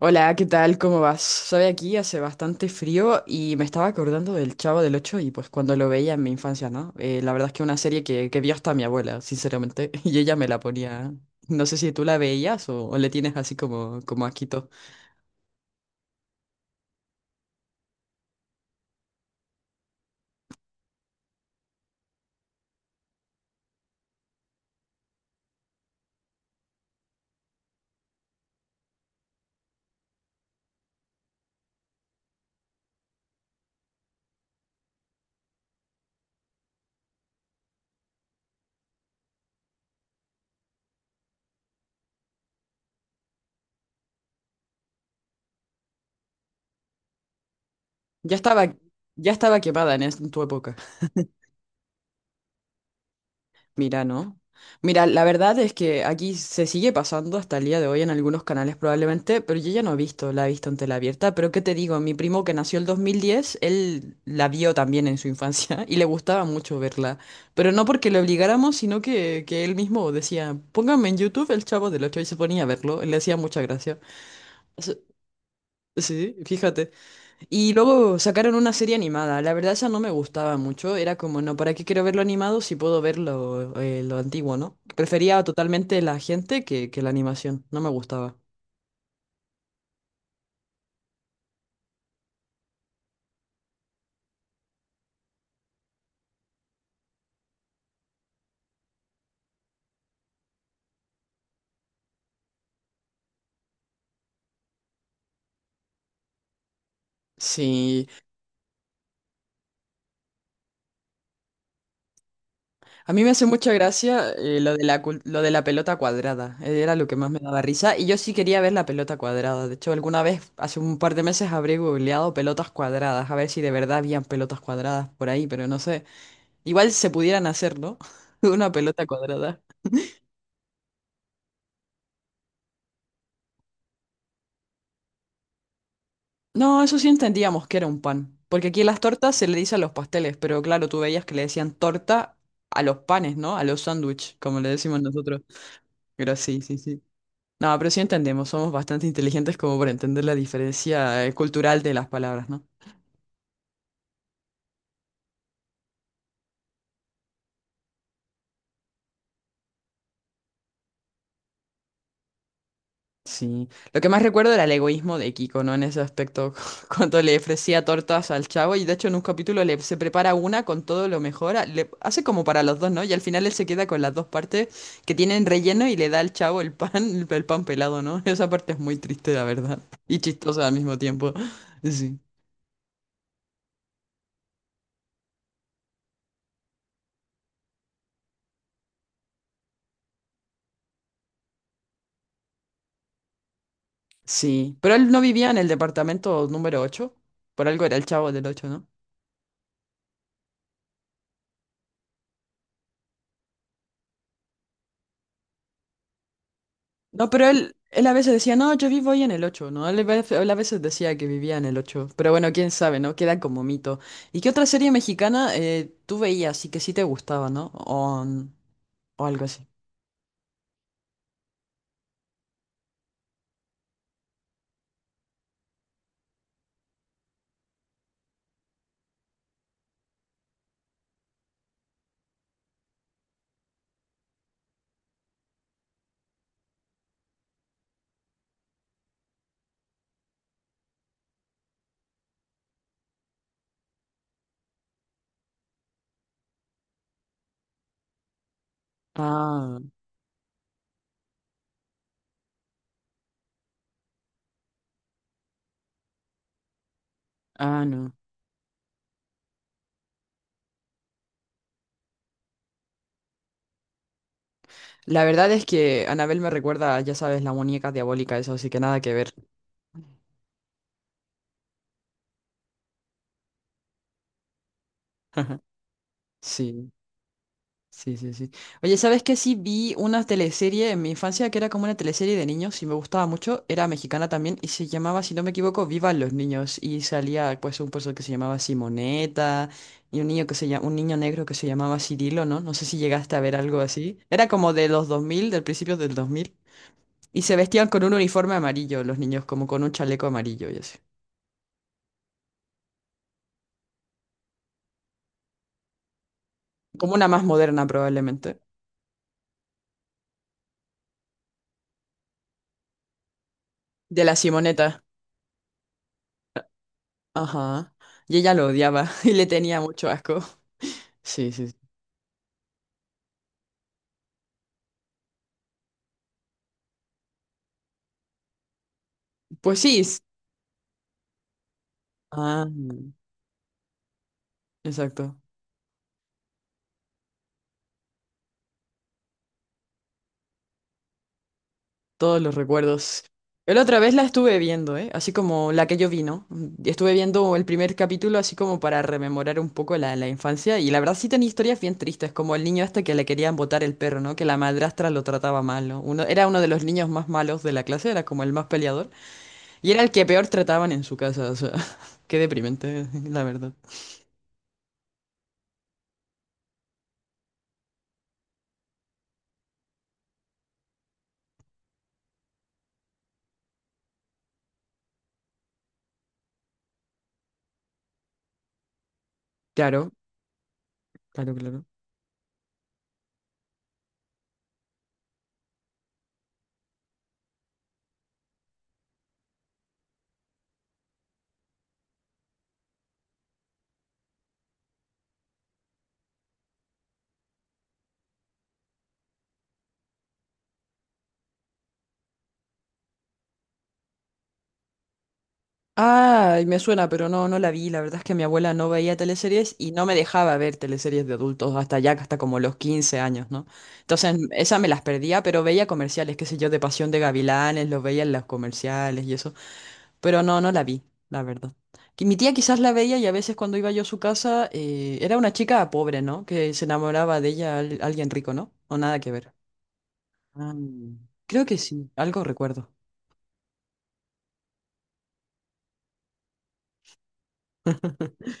Hola, ¿qué tal? ¿Cómo vas? Sabe, aquí hace bastante frío y me estaba acordando del Chavo del Ocho y pues cuando lo veía en mi infancia, ¿no? La verdad es que una serie que vio hasta mi abuela, sinceramente, y ella me la ponía. No sé si tú la veías o le tienes así como asquito. Ya estaba, ya estaba quemada en, en tu época. Mira, ¿no? Mira, la verdad es que aquí se sigue pasando hasta el día de hoy en algunos canales probablemente, pero yo ya no he visto, la he visto en tela abierta, pero ¿qué te digo? Mi primo que nació el 2010, él la vio también en su infancia y le gustaba mucho verla, pero no porque le obligáramos, sino que él mismo decía, pónganme en YouTube el Chavo del Ocho y se ponía a verlo, le hacía mucha gracia. Sí, sí, fíjate. Y luego sacaron una serie animada. La verdad, esa no me gustaba mucho. Era como, no, ¿para qué quiero verlo animado si puedo verlo lo antiguo, ¿no? Prefería totalmente la gente que la animación. No me gustaba. Sí, a mí me hace mucha gracia lo de la, lo de la pelota cuadrada. Era lo que más me daba risa. Y yo sí quería ver la pelota cuadrada. De hecho, alguna vez, hace un par de meses, habré googleado pelotas cuadradas. A ver si de verdad habían pelotas cuadradas por ahí, pero no sé. Igual se pudieran hacer, ¿no? Una pelota cuadrada. No, eso sí entendíamos que era un pan, porque aquí las tortas se le dice a los pasteles, pero claro, tú veías que le decían torta a los panes, ¿no? A los sándwiches, como le decimos nosotros. Pero sí, sí, sí. No, pero sí entendemos, somos bastante inteligentes como para entender la diferencia cultural de las palabras, ¿no? Sí, lo que más recuerdo era el egoísmo de Kiko, ¿no? En ese aspecto, cuando le ofrecía tortas al chavo y de hecho en un capítulo se prepara una con todo lo mejor, le hace como para los dos, ¿no? Y al final él se queda con las dos partes que tienen relleno y le da al chavo el pan, el, pan pelado, ¿no? Esa parte es muy triste, la verdad, y chistosa al mismo tiempo. Sí, sí, pero él no vivía en el departamento número 8, por algo era el chavo del ocho, ¿no? No, pero él a veces decía, no, yo vivo ahí en el 8, ¿no? Él, él a veces decía que vivía en el 8, pero bueno, quién sabe, ¿no? Queda como mito. ¿Y qué otra serie mexicana tú veías y que sí te gustaba, ¿no? O, o algo así. Ah, ah, no. La verdad es que Anabel me recuerda, ya sabes, la muñeca diabólica, eso, así que nada que ver. Sí. Sí, sí, sí. Oye, ¿sabes qué? Sí vi una teleserie en mi infancia que era como una teleserie de niños y me gustaba mucho. Era mexicana también y se llamaba, si no me equivoco, Vivan los niños. Y salía pues un personaje que se llamaba Simoneta y un niño que se llama, un niño negro que se llamaba Cirilo, ¿no? No sé si llegaste a ver algo así. Era como de los 2000 del principio del dos mil. Y se vestían con un uniforme amarillo los niños, como con un chaleco amarillo y así. Como una más moderna probablemente. De la Simoneta. Ajá. Y ella lo odiaba y le tenía mucho asco. Sí, sí, sí. Pues sí. s- Ah, exacto. Todos los recuerdos. Yo la otra vez la estuve viendo, ¿eh? Así como la que yo vi, ¿no? Estuve viendo el primer capítulo así como para rememorar un poco la infancia y la verdad sí tenía historias bien tristes, como el niño este que le querían botar el perro, ¿no? Que la madrastra lo trataba mal, ¿no? Uno, era uno de los niños más malos de la clase, era como el más peleador y era el que peor trataban en su casa, o sea, qué deprimente, la verdad. Claro, claro, claro. Ay, me suena, pero no, no la vi. La verdad es que mi abuela no veía teleseries y no me dejaba ver teleseries de adultos hasta ya, hasta como los 15 años, ¿no? Entonces, esa me las perdía, pero veía comerciales, qué sé yo, de Pasión de Gavilanes, los veía en los comerciales y eso. Pero no, no la vi, la verdad. Que mi tía quizás la veía y a veces cuando iba yo a su casa, era una chica pobre, ¿no? Que se enamoraba de ella alguien rico, ¿no? O nada que ver. Ah, creo que sí, algo recuerdo.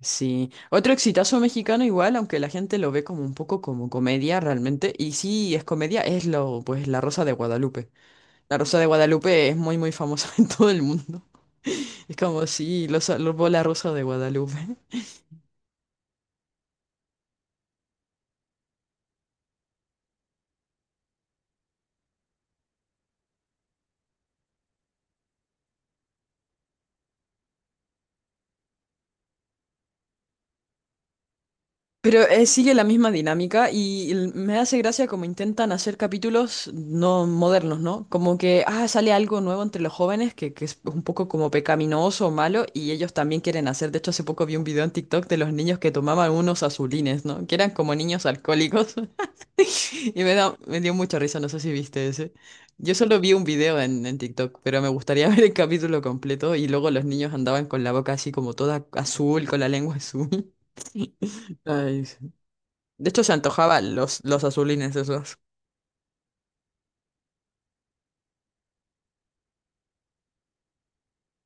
Sí, otro exitazo mexicano igual, aunque la gente lo ve como un poco como comedia realmente, y sí es comedia, es lo, pues La Rosa de Guadalupe. La Rosa de Guadalupe es muy muy famosa en todo el mundo. Es como si los salvó La Rosa de Guadalupe. Pero sigue la misma dinámica y me hace gracia como intentan hacer capítulos no modernos, ¿no? Como que, ah, sale algo nuevo entre los jóvenes que es un poco como pecaminoso o malo y ellos también quieren hacer. De hecho, hace poco vi un video en TikTok de los niños que tomaban unos azulines, ¿no? Que eran como niños alcohólicos y me dio mucha risa, no sé si viste ese. Yo solo vi un video en TikTok, pero me gustaría ver el capítulo completo y luego los niños andaban con la boca así como toda azul, con la lengua azul. Ay, de hecho, se antojaban los azulines esos.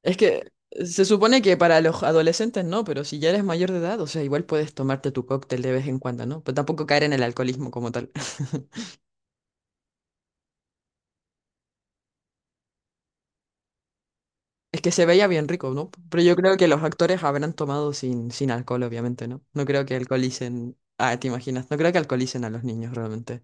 Es que se supone que para los adolescentes no, pero si ya eres mayor de edad, o sea, igual puedes tomarte tu cóctel de vez en cuando, ¿no? Pero tampoco caer en el alcoholismo como tal. Es que se veía bien rico, ¿no? Pero yo creo que los actores habrán tomado sin alcohol, obviamente, ¿no? No creo que alcoholicen. Ah, te imaginas. No creo que alcoholicen a los niños realmente.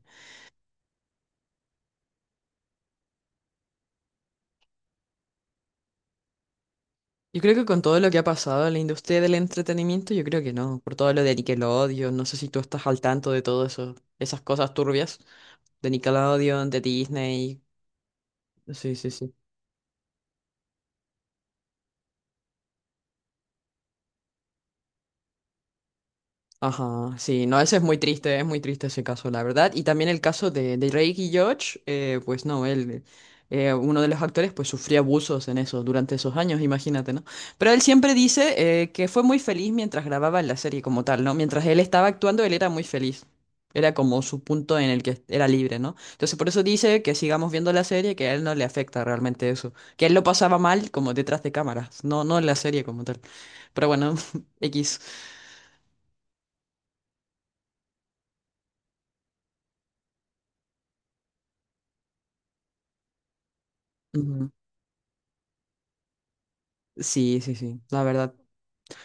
Yo creo que con todo lo que ha pasado en la industria del entretenimiento, yo creo que no. Por todo lo de Nickelodeon, no sé si tú estás al tanto de todo eso, esas cosas turbias. De Nickelodeon, de Disney. Sí, sí, sí. Ajá, sí, no, ese es muy triste ese caso, la verdad. Y también el caso de Drake y Josh, pues no, él, uno de los actores, pues sufrió abusos en eso durante esos años, imagínate, ¿no? Pero él siempre dice que fue muy feliz mientras grababa la serie como tal, ¿no? Mientras él estaba actuando, él era muy feliz. Era como su punto en el que era libre, ¿no? Entonces por eso dice que sigamos viendo la serie, que a él no le afecta realmente eso. Que él lo pasaba mal como detrás de cámaras, no en la serie como tal. Pero bueno, X. Ujú. Sí, sí, sí, la verdad.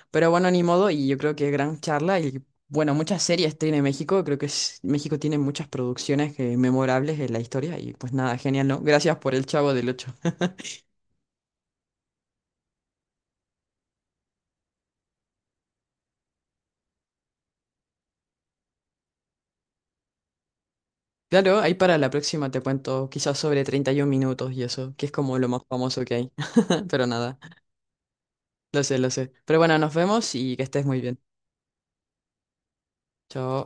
Pero bueno, ni modo, y yo creo que gran charla. Y bueno, muchas series tiene México. Creo que México tiene muchas producciones memorables en la historia. Y pues nada, genial, ¿no? Gracias por el Chavo del ocho. Claro, ahí para la próxima te cuento quizás sobre 31 minutos y eso, que es como lo más famoso que hay. Pero nada, lo sé, lo sé. Pero bueno, nos vemos y que estés muy bien. Chao.